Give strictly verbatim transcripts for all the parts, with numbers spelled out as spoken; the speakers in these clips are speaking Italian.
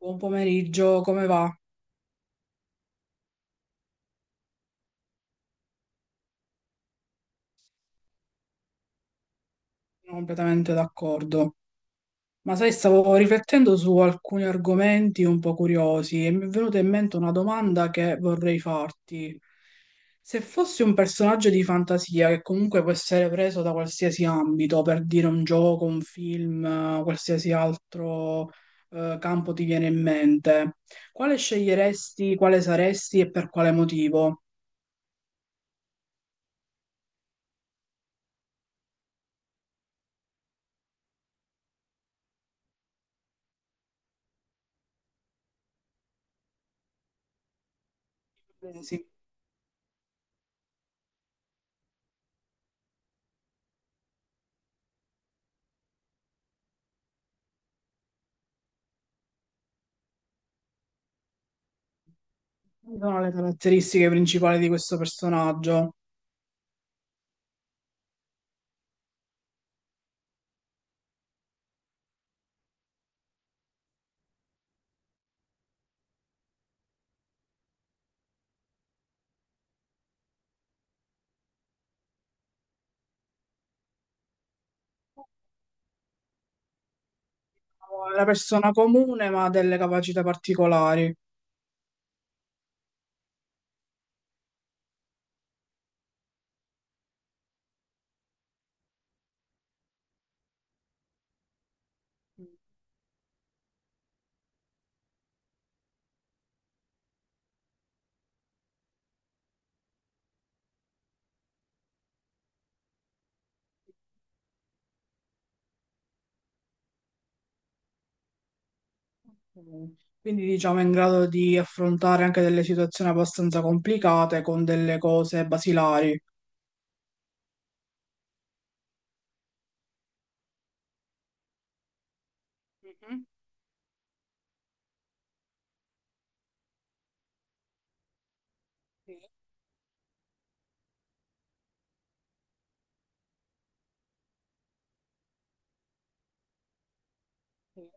Buon pomeriggio, come va? Sono completamente d'accordo. Ma sai, stavo riflettendo su alcuni argomenti un po' curiosi e mi è venuta in mente una domanda che vorrei farti. Se fossi un personaggio di fantasia che comunque può essere preso da qualsiasi ambito, per dire un gioco, un film, eh, qualsiasi altro eh, campo ti viene in mente, quale sceglieresti, quale saresti e per quale motivo? Pensi, quali sono le caratteristiche principali di questo personaggio? La persona comune ma ha delle capacità particolari. Mm. Quindi diciamo è in grado di affrontare anche delle situazioni abbastanza complicate con delle cose basilari. Mhm. Sì, sì.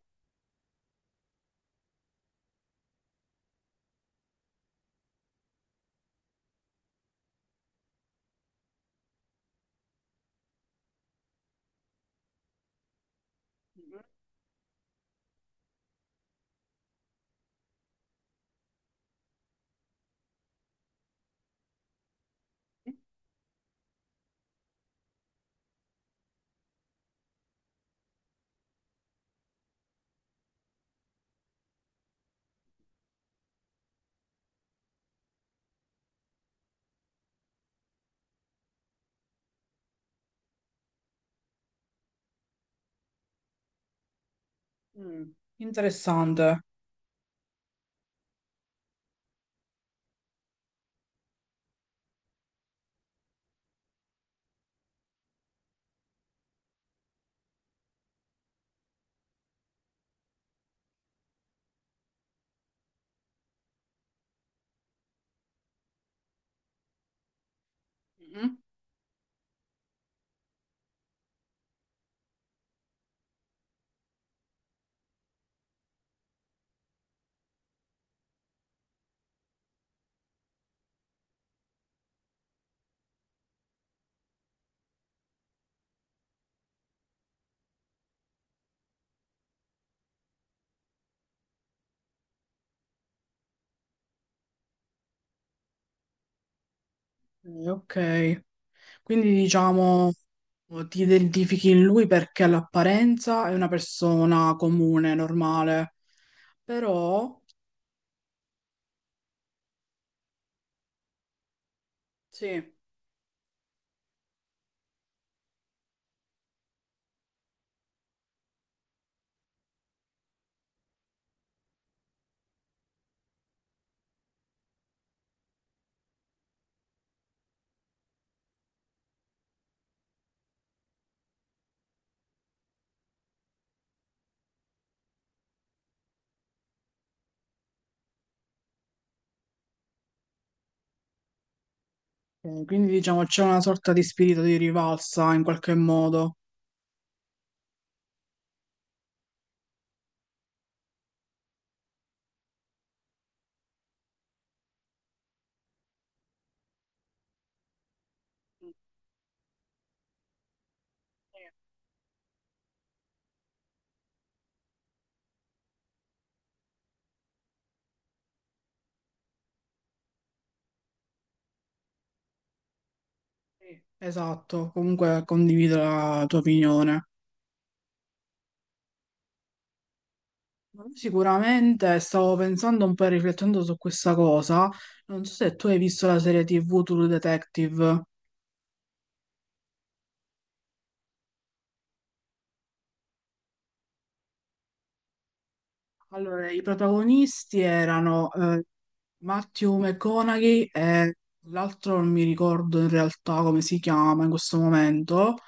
Mm. Interessante. Mhm. Eh, Ok, quindi diciamo ti identifichi in lui perché all'apparenza è una persona comune, normale, però sì, eh, quindi diciamo c'è una sorta di spirito di rivalsa in qualche modo. Sì, esatto, comunque condivido la tua opinione. Sicuramente stavo pensando un po' e riflettendo su questa cosa. Non so se tu hai visto la serie tivù True Detective. Allora, i protagonisti erano eh, Matthew McConaughey e l'altro non mi ricordo in realtà come si chiama in questo momento,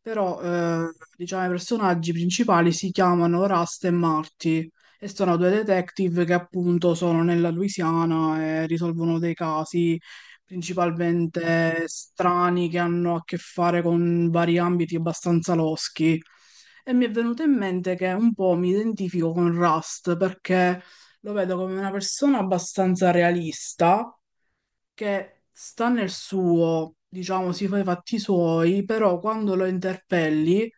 però eh, diciamo i personaggi principali si chiamano Rust e Marty e sono due detective che appunto sono nella Louisiana e risolvono dei casi principalmente strani che hanno a che fare con vari ambiti abbastanza loschi. E mi è venuto in mente che un po' mi identifico con Rust perché lo vedo come una persona abbastanza realista che sta nel suo, diciamo, si fa i fatti suoi, però quando lo interpelli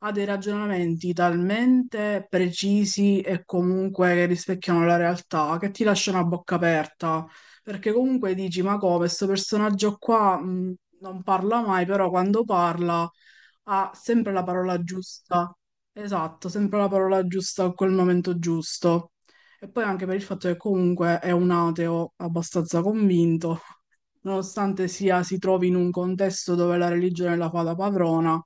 ha dei ragionamenti talmente precisi e comunque che rispecchiano la realtà che ti lasciano a bocca aperta, perché comunque dici, ma come, questo personaggio qua mh, non parla mai, però quando parla ha sempre la parola giusta. Esatto, sempre la parola giusta a quel momento giusto. E poi anche per il fatto che comunque è un ateo abbastanza convinto, nonostante sia si trovi in un contesto dove la religione la fa da padrona.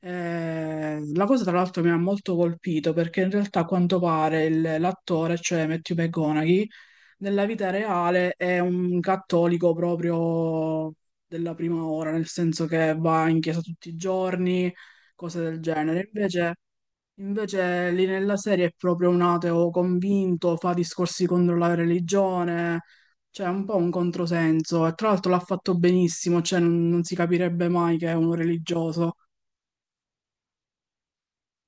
Eh, la cosa tra l'altro mi ha molto colpito perché in realtà a quanto pare il- l'attore, cioè Matthew McConaughey, nella vita reale è un cattolico proprio della prima ora, nel senso che va in chiesa tutti i giorni, cose del genere. Invece, invece lì nella serie è proprio un ateo convinto, fa discorsi contro la religione, cioè è un po' un controsenso. E tra l'altro l'ha fatto benissimo, cioè non, non si capirebbe mai che è uno religioso.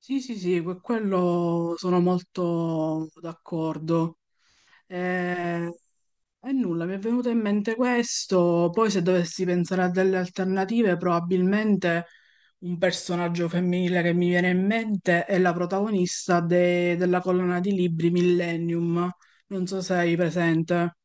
Sì, sì, sì, que- quello sono molto d'accordo. E, e nulla, mi è venuto in mente questo. Poi, se dovessi pensare a delle alternative, probabilmente un personaggio femminile che mi viene in mente è la protagonista de- della collana di libri Millennium. Non so se hai presente.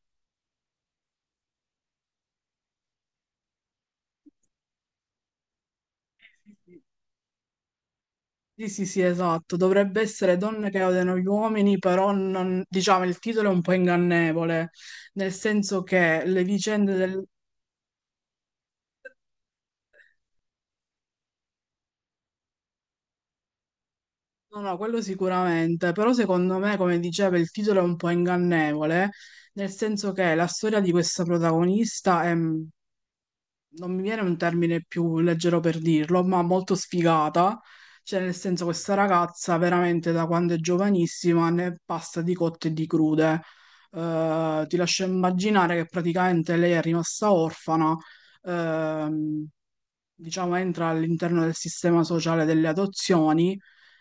Sì, sì, sì, esatto. Dovrebbe essere Donne che odiano gli uomini, però non- diciamo il titolo è un po' ingannevole, nel senso che le vicende del... No, no, quello sicuramente, però secondo me, come diceva, il titolo è un po' ingannevole, nel senso che la storia di questa protagonista è, mm, non mi viene un termine più leggero per dirlo, ma molto sfigata, cioè nel senso questa ragazza veramente da quando è giovanissima ne passa di cotte e di crude. Eh, ti lascio immaginare che praticamente lei è rimasta orfana, ehm, diciamo entra all'interno del sistema sociale delle adozioni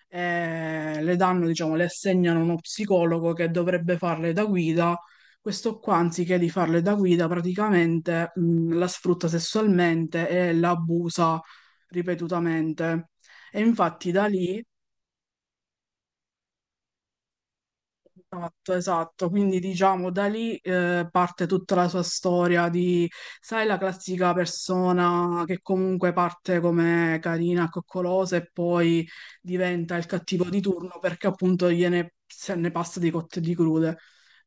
eh, le danno, diciamo, le assegnano uno psicologo che dovrebbe farle da guida. Questo qua, anziché di farle da guida, praticamente mh, la sfrutta sessualmente e la abusa ripetutamente. E infatti da lì esatto, esatto. Quindi diciamo da lì eh, parte tutta la sua storia di, sai, la classica persona che comunque parte come carina, coccolosa e poi diventa il cattivo di turno perché appunto gliene se ne passa di cotte e di crude.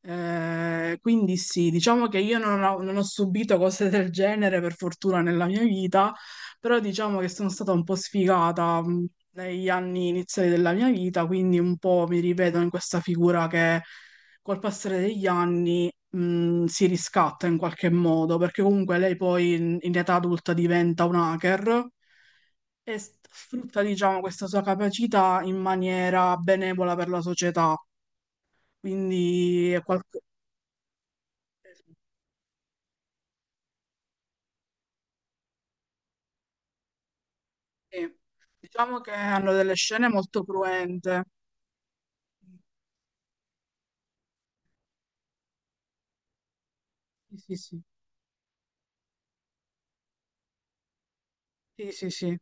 Eh, quindi sì, diciamo che io non ho, non ho subito cose del genere per fortuna nella mia vita, però diciamo che sono stata un po' sfigata mh, negli anni iniziali della mia vita, quindi un po' mi rivedo in questa figura che col passare degli anni mh, si riscatta in qualche modo, perché comunque lei poi in, in età adulta diventa un hacker e s- sfrutta, diciamo, questa sua capacità in maniera benevola per la società. Quindi è qualcosa... Diciamo che hanno delle scene molto cruente. Sì, sì, sì. Sì, sì, sì.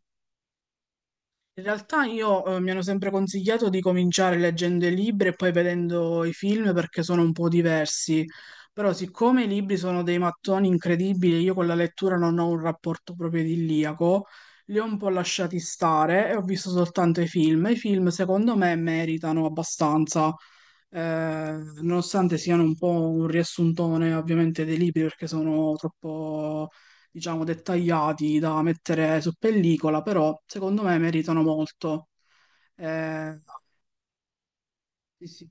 In realtà io eh, mi hanno sempre consigliato di cominciare leggendo i libri e poi vedendo i film perché sono un po' diversi, però siccome i libri sono dei mattoni incredibili, io con la lettura non ho un rapporto proprio idilliaco, li ho un po' lasciati stare e ho visto soltanto i film. I film secondo me meritano abbastanza, eh, nonostante siano un po' un riassuntone ovviamente dei libri perché sono troppo, diciamo, dettagliati da mettere su pellicola, però secondo me meritano molto. Eh, sì, sì.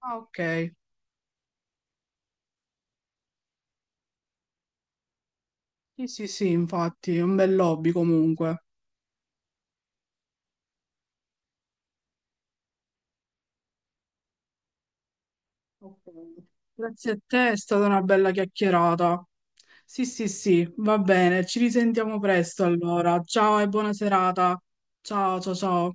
Ah, ok. Sì, sì, sì, infatti, è un bel hobby comunque. Ok. Grazie a te, è stata una bella chiacchierata. Sì, sì, sì, va bene, ci risentiamo presto allora. Ciao e buona serata. Ciao, ciao, ciao.